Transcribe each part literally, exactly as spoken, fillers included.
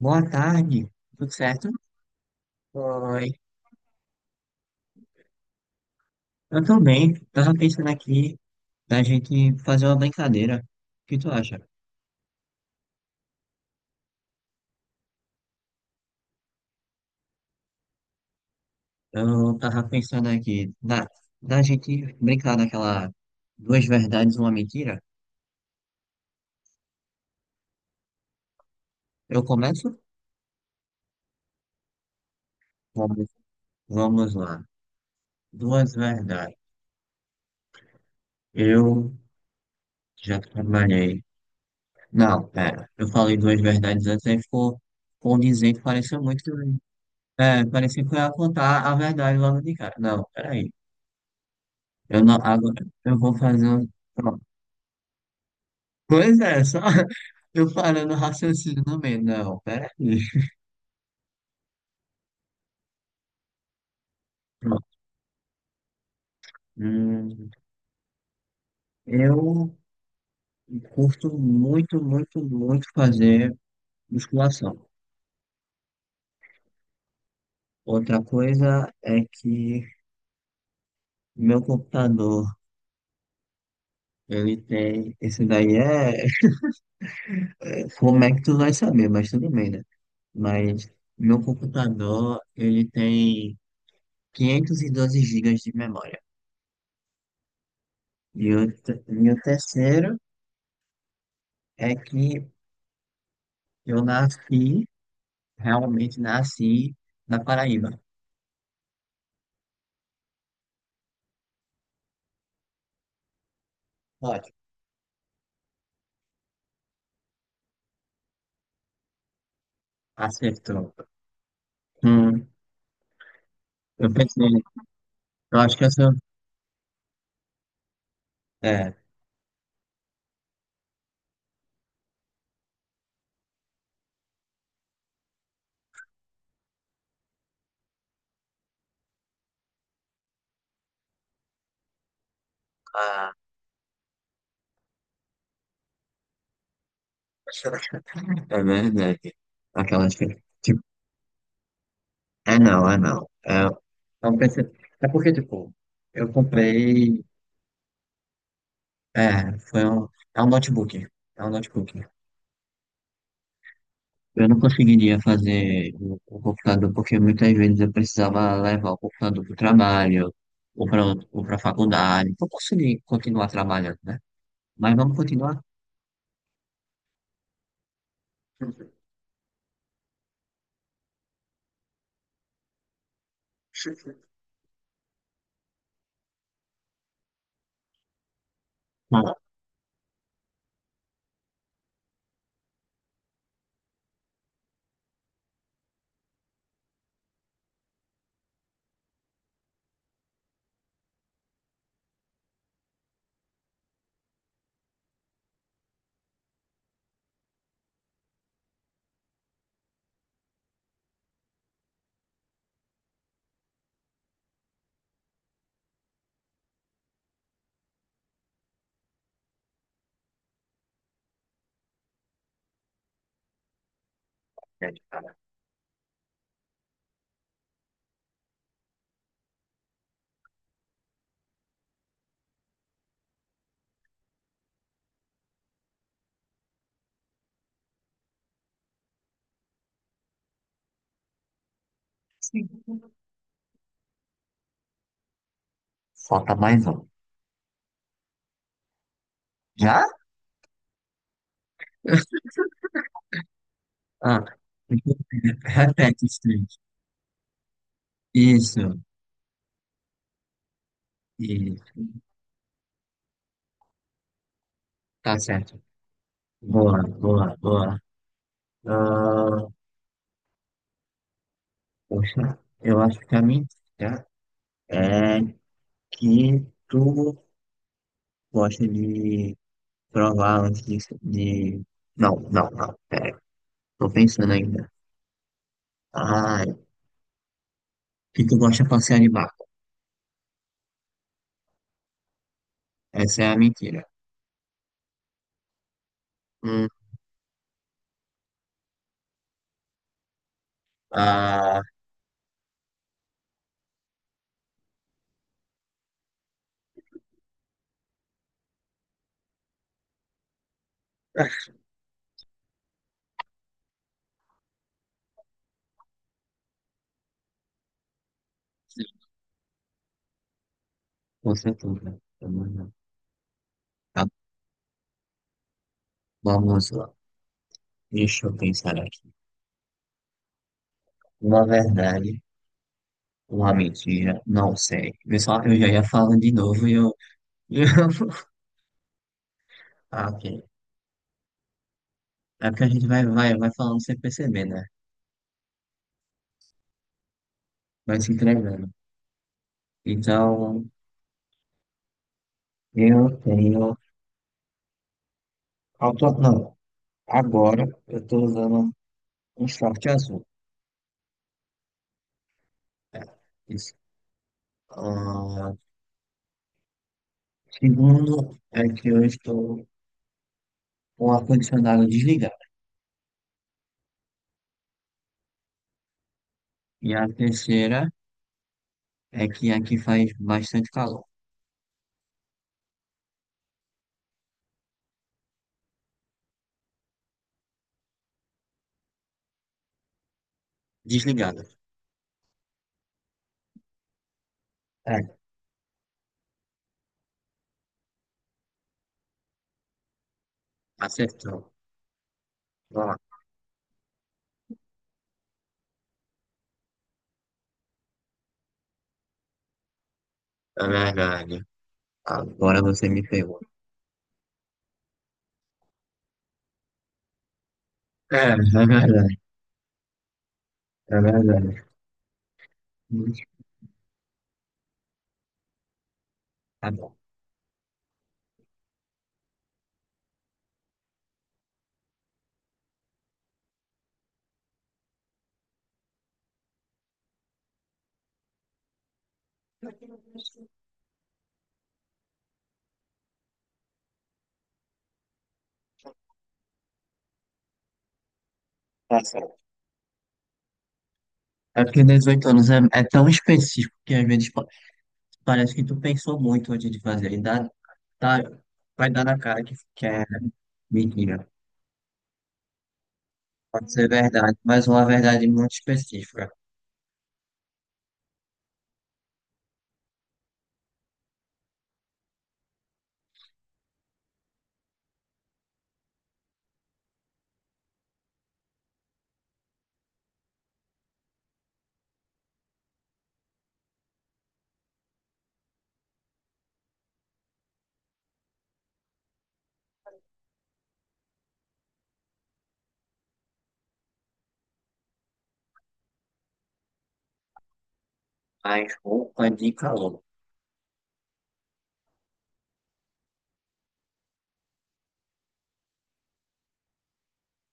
Boa tarde, tudo certo? Oi. Eu tô bem. Tava pensando aqui da gente fazer uma brincadeira. O que tu acha? Eu tava pensando aqui da, da gente brincar daquela duas verdades, uma mentira. Eu começo? Vamos, vamos lá. Duas verdades. Eu já trabalhei. Não, pera. Eu falei duas verdades antes, aí ficou condizente, pareceu muito. que eu- É, parecia que eu ia contar a verdade logo de cara. Não, peraí. Eu não, agora eu vou fazer um. Pronto. Pois é, só eu parando o raciocínio no meio. Não, peraí. Pronto. Hum, eu curto muito, muito, muito fazer musculação. Outra coisa é que meu computador, ele tem. Esse daí é. Como é que tu vai saber, mas tudo bem, né? Mas meu computador, ele tem quinhentos e doze gigas de memória. E o, te- e o terceiro. É que eu nasci, realmente nasci na Paraíba. Ótimo. Acertou. Hum, eu pensei, eu acho que eu sou. É, ah, é verdade. Aquelas que. Tipo, é não, é não. É, eu pensei, é porque, tipo, eu comprei. É, foi um. É um notebook. É um notebook. Eu não conseguiria fazer o, o computador porque muitas vezes eu precisava levar o computador para o trabalho ou para ou para a faculdade. Para conseguir continuar trabalhando, né? Mas vamos continuar? Não. Sim. Falta mais um. Já? Ah, repete os. Isso, isso. Tá certo. Boa, boa, boa. Ah, poxa, eu acho que a minha dica é que tu gosta de provar antes de, de... Não, não, não. Pera, tô pensando ainda. Ah, que tu gosta de passear de barco. Essa é a mentira. Hum, ah, com certeza. Vamos lá. Tá, vamos lá. Deixa eu pensar aqui. Uma verdade, uma mentira, não sei. Pessoal, eu já ia falando de novo e eu. e eu- Ah, ok. É porque a gente vai, vai, vai falando sem perceber, né? Vai se entregando. Então, eu tenho. Auto- Não, agora eu tô usando um short azul. É, isso. Ah, segundo, é que eu estou com o ar-condicionado desligado. E a terceira. É que aqui faz bastante calor. Desligada. É, acertou. Ó, é verdade. Agora você me pegou. É, é verdade. É verdade. Tá bom. Tá certo. É porque dezoito anos é, é tão específico que às vezes pa- parece que tu pensou muito antes de fazer. E dá, tá, vai dar na cara que, que é mentira. Pode ser verdade, mas uma verdade muito específica. Mas roupa de calor.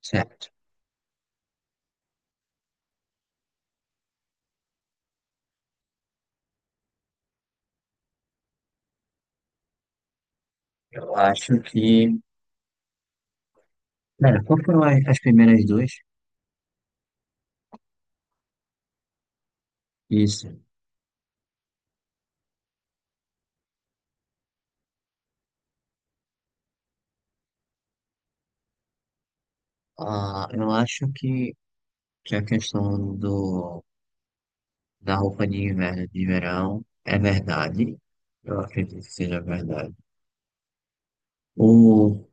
Certo. Eu acho que Cara, qual foram as, as primeiras duas? Isso. Ah, eu acho que, que a questão do, da roupa de inverno e de verão é verdade. Eu acredito que seja verdade. O,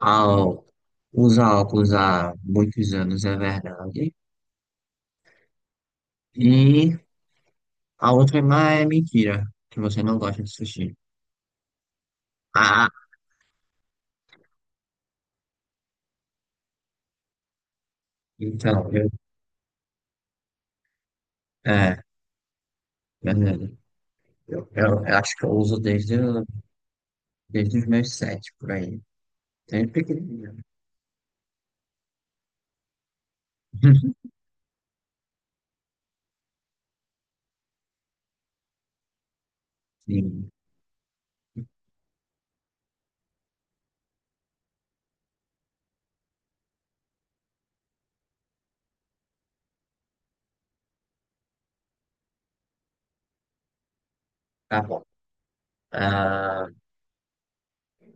ao, usar óculos há muitos anos é verdade. E a outra é mais é mentira, que você não gosta de sushi. Ah, então, eu, é, verdade. Eu, eu, eu acho que eu uso desde, desde os meus sete, por aí. Sempre pequenininho. Sim, tá bom. Ah,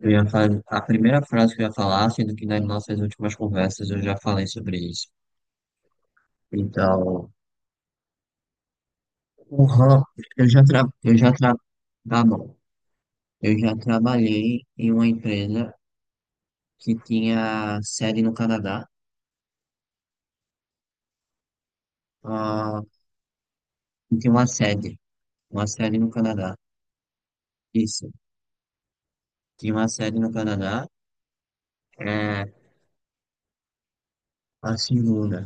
eu ia fazer a primeira frase que eu ia falar, sendo que nas nossas últimas conversas eu já falei sobre isso. Então, o RAM, eu já tra... eu já tra... tá bom. Eu já trabalhei em uma empresa que tinha sede no Canadá. Ah, e tinha uma sede, uma sede no Canadá. Isso, tinha uma sede no Canadá. É, a segunda,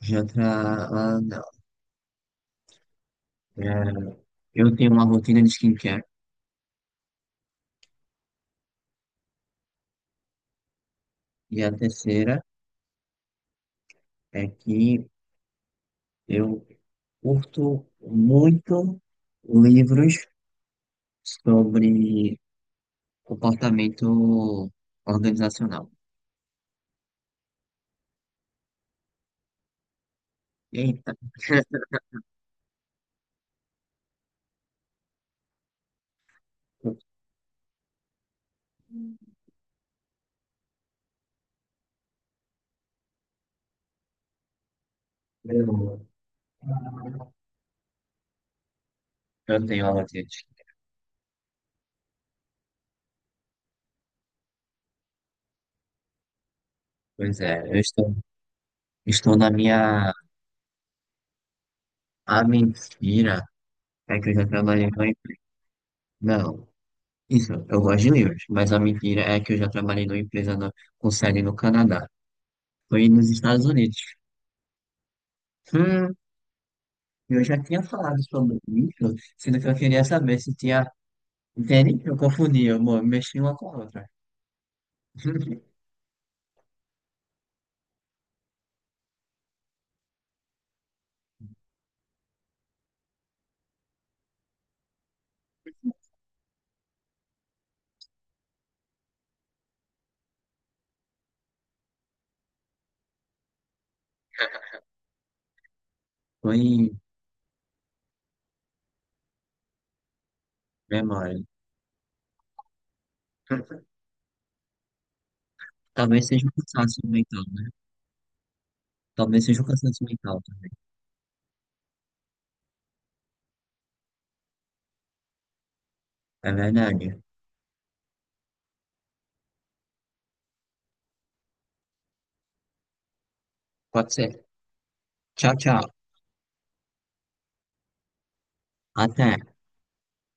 já tra... ah, não. É, eu tenho uma rotina de skincare. E a terceira é que eu curto muito livros sobre comportamento organizacional. Eita, eu, eu tenho alergias. Pois é, eu estou, estou na minha. A mentira é que eu já trabalhei numa empresa. Não, isso, eu gosto de livros, mas a mentira é que eu já trabalhei numa empresa no, com sede no Canadá. Foi nos Estados Unidos. Hum. Eu já tinha falado sobre isso, sendo que eu queria saber se tinha. Entende? Eu confundi, eu mo- mexi uma com a outra. Foi em memória. Talvez seja um cansaço mental, né? Talvez seja um cansaço mental também. É verdade. Pode ser. Tchau, tchau. Até.